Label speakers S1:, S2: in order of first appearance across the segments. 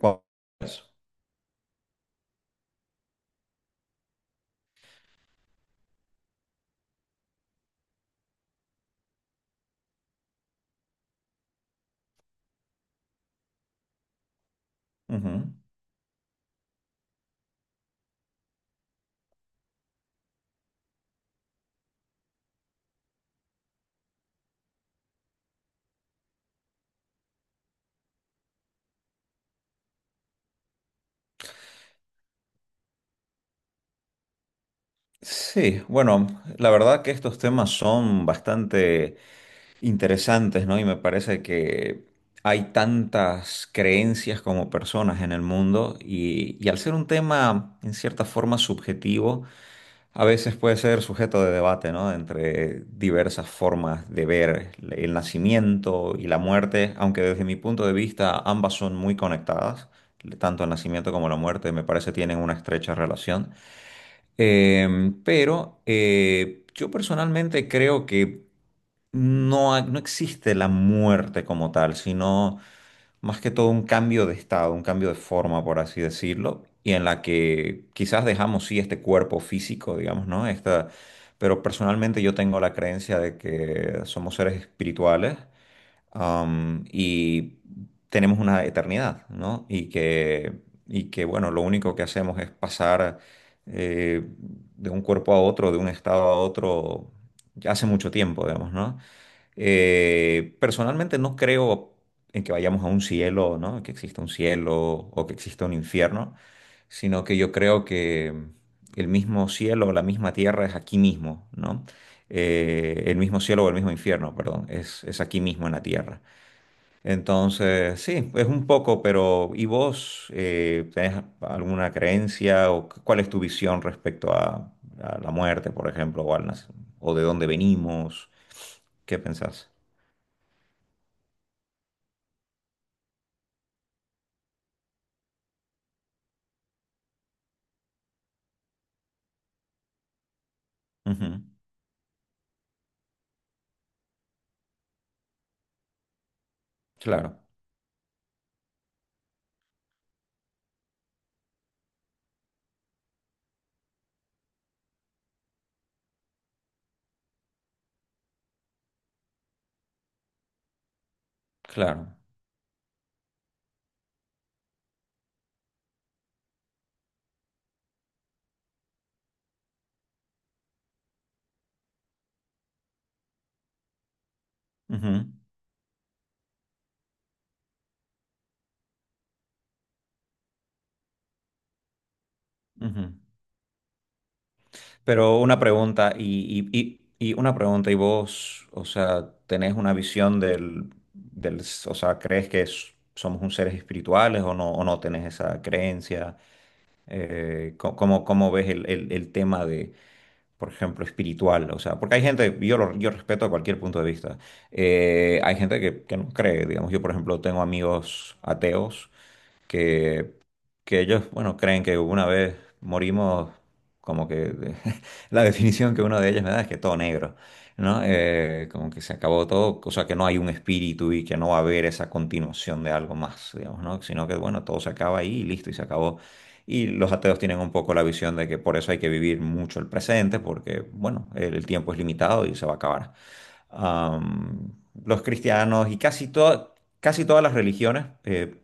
S1: Cu- Ujú. Sí, bueno, la verdad que estos temas son bastante interesantes, ¿no? Y me parece que hay tantas creencias como personas en el mundo y al ser un tema en cierta forma subjetivo, a veces puede ser sujeto de debate, ¿no? Entre diversas formas de ver el nacimiento y la muerte, aunque desde mi punto de vista ambas son muy conectadas, tanto el nacimiento como la muerte me parece tienen una estrecha relación. Pero yo personalmente creo que no existe la muerte como tal, sino más que todo un cambio de estado, un cambio de forma, por así decirlo, y en la que quizás dejamos sí este cuerpo físico, digamos, ¿no? Pero personalmente yo tengo la creencia de que somos seres espirituales. Y tenemos una eternidad, ¿no? Y que, bueno, lo único que hacemos es pasar eh, de un cuerpo a otro, de un estado a otro, ya hace mucho tiempo, digamos, ¿no? Personalmente no creo en que vayamos a un cielo, ¿no? Que exista un cielo o que exista un infierno, sino que yo creo que el mismo cielo o la misma tierra es aquí mismo, ¿no? El mismo cielo o el mismo infierno, perdón, es aquí mismo en la tierra. Entonces, sí, es un poco, pero ¿y vos tenés alguna creencia o cuál es tu visión respecto a la muerte, por ejemplo, o de dónde venimos? ¿Qué pensás? Ujú. Claro, claro. Ujú, ujú. Pero una pregunta, ¿y vos, o sea, tenés una visión del, o sea, crees que somos un seres espirituales o no tenés esa creencia? ¿Cómo ves el tema de, por ejemplo, espiritual? O sea, porque hay gente, yo respeto cualquier punto de vista. Hay gente que no cree, digamos, yo, por ejemplo, tengo amigos ateos. que que ellos, bueno, creen que una vez morimos, como que la definición que uno de ellos me da es que todo negro, ¿no? Como que se acabó todo, o sea, que no hay un espíritu y que no va a haber esa continuación de algo más, digamos, ¿no? Sino que, bueno, todo se acaba ahí y listo, y se acabó. Y los ateos tienen un poco la visión de que por eso hay que vivir mucho el presente, porque, bueno, el tiempo es limitado y se va a acabar. Am, los cristianos y casi todas las religiones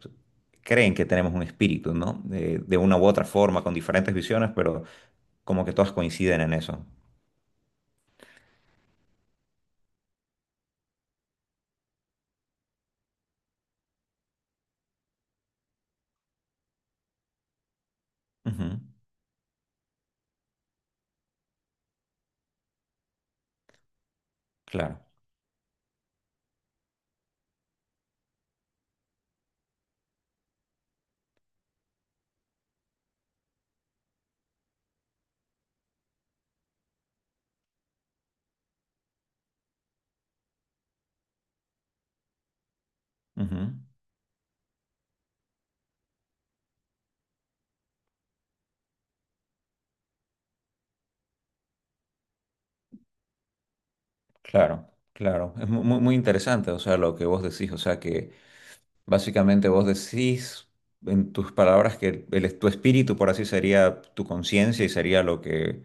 S1: creen que tenemos un espíritu, ¿no? De una u otra forma, con diferentes visiones, pero como que todas coinciden en eso. Ujú, claro, ujú, claro, claro. Es muy, muy interesante, o sea, lo que vos decís, o sea, que básicamente vos decís en tus palabras que tu espíritu, por así sería tu conciencia y sería lo que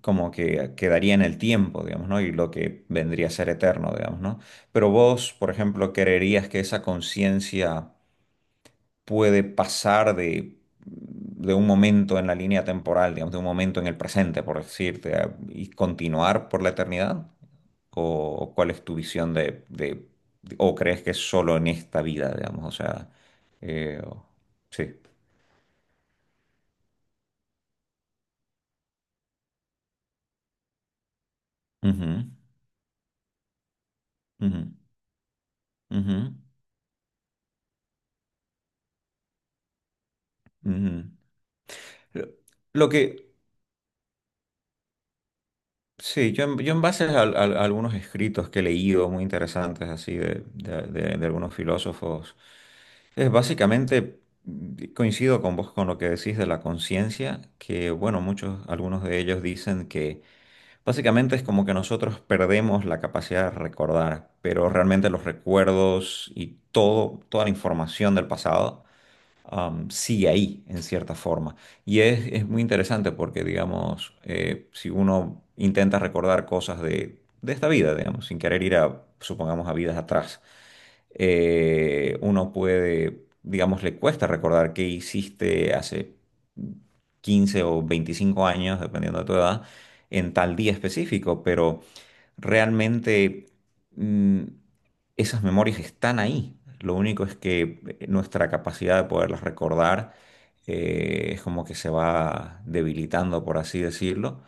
S1: como que quedaría en el tiempo, digamos, ¿no? Y lo que vendría a ser eterno, digamos, ¿no? Pero vos, por ejemplo, ¿creerías que esa conciencia puede pasar de un momento en la línea temporal, digamos, de un momento en el presente, por decirte, y continuar por la eternidad? ¿O, o cuál es tu visión o crees que es solo en esta vida, digamos, o sea, eh, o- sí. Ujú, ujú, ujú, ujú. Lo lo que, Sí, yo en base a algunos escritos que he leído muy interesantes así de algunos filósofos, es básicamente coincido con vos con lo que decís de la conciencia, que bueno, muchos, algunos de ellos dicen que básicamente es como que nosotros perdemos la capacidad de recordar, pero realmente los recuerdos y todo, toda la información del pasado sigue ahí en cierta forma. Y es muy interesante porque, digamos, si uno intenta recordar cosas de esta vida, digamos, sin querer ir a, supongamos, a vidas atrás, uno puede, digamos, le cuesta recordar qué hiciste hace 15 o 25 años, dependiendo de tu edad, en tal día específico, pero realmente... mm, esas memorias están ahí. Lo único es que nuestra capacidad de poderlas recordar es como que se va debilitando, por así decirlo.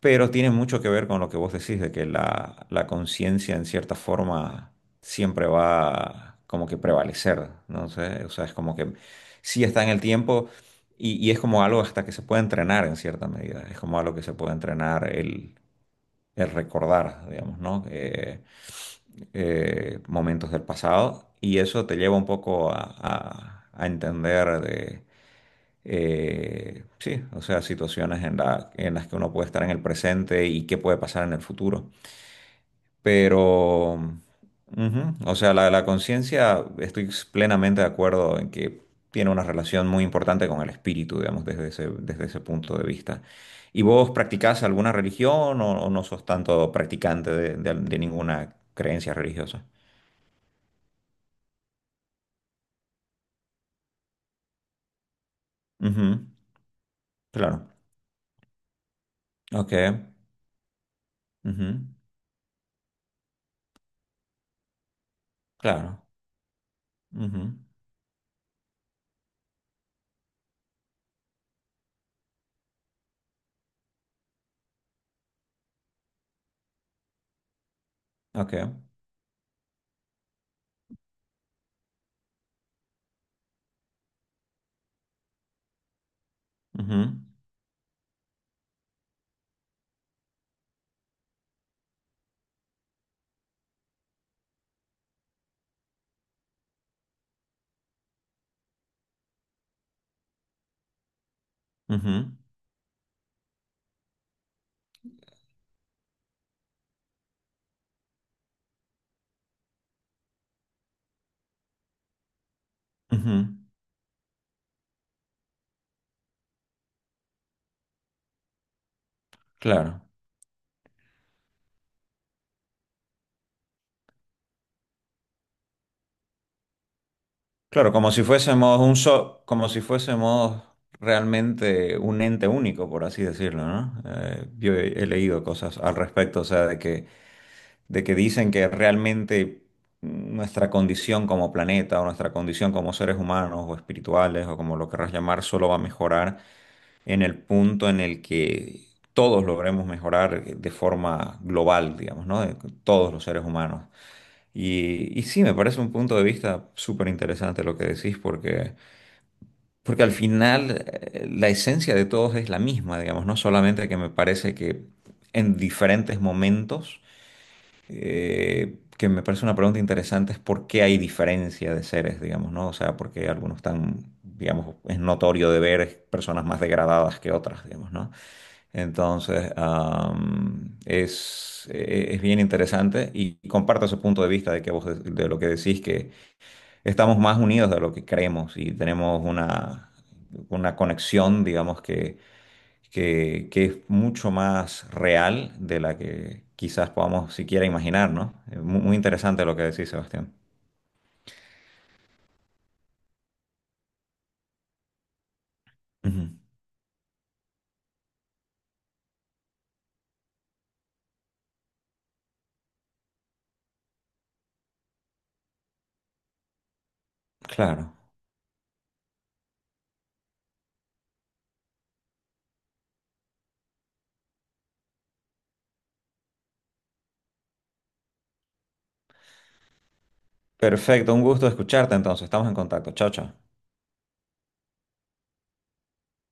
S1: Pero tiene mucho que ver con lo que vos decís, de que la conciencia en cierta forma siempre va como que prevalecer, ¿no? Sé, o sea, es como que sí está en el tiempo y es como algo hasta que se puede entrenar en cierta medida, es como algo que se puede entrenar el recordar, digamos, ¿no? Momentos del pasado y eso te lleva un poco a entender de, sí, o sea, situaciones en las que uno puede estar en el presente y qué puede pasar en el futuro. Pero, ujú, o sea, la conciencia, estoy plenamente de acuerdo en que tiene una relación muy importante con el espíritu, digamos, desde ese punto de vista. ¿Y vos practicás alguna religión o no sos tanto practicante de ninguna creencia religiosa? Claro. Ok. Ujú. Claro. Ujú. Ok. Ujú. Ujú. Ujú. Claro. Claro, como si fuésemos realmente un ente único, por así decirlo, ¿no? Yo he leído cosas al respecto, o sea, de que, dicen que realmente nuestra condición como planeta o nuestra condición como seres humanos o espirituales o como lo querrás llamar, solo va a mejorar en el punto en el que todos logremos mejorar de forma global, digamos, ¿no? De todos los seres humanos. Y sí, me parece un punto de vista súper interesante lo que decís, porque al final la esencia de todos es la misma, digamos, no solamente que me parece que en diferentes momentos, que me parece una pregunta interesante es por qué hay diferencia de seres, digamos, ¿no? O sea, porque algunos están, digamos, es notorio de ver personas más degradadas que otras, digamos, ¿no? Entonces, es bien interesante y comparto ese punto de vista de que vos de lo que decís, que estamos más unidos de lo que creemos y tenemos una conexión, digamos, que es mucho más real de la que quizás podamos siquiera imaginar, ¿no? Muy, muy interesante lo que decís, Sebastián. Ujú. Claro. Perfecto, un gusto escucharte entonces. Estamos en contacto. Chao, chao.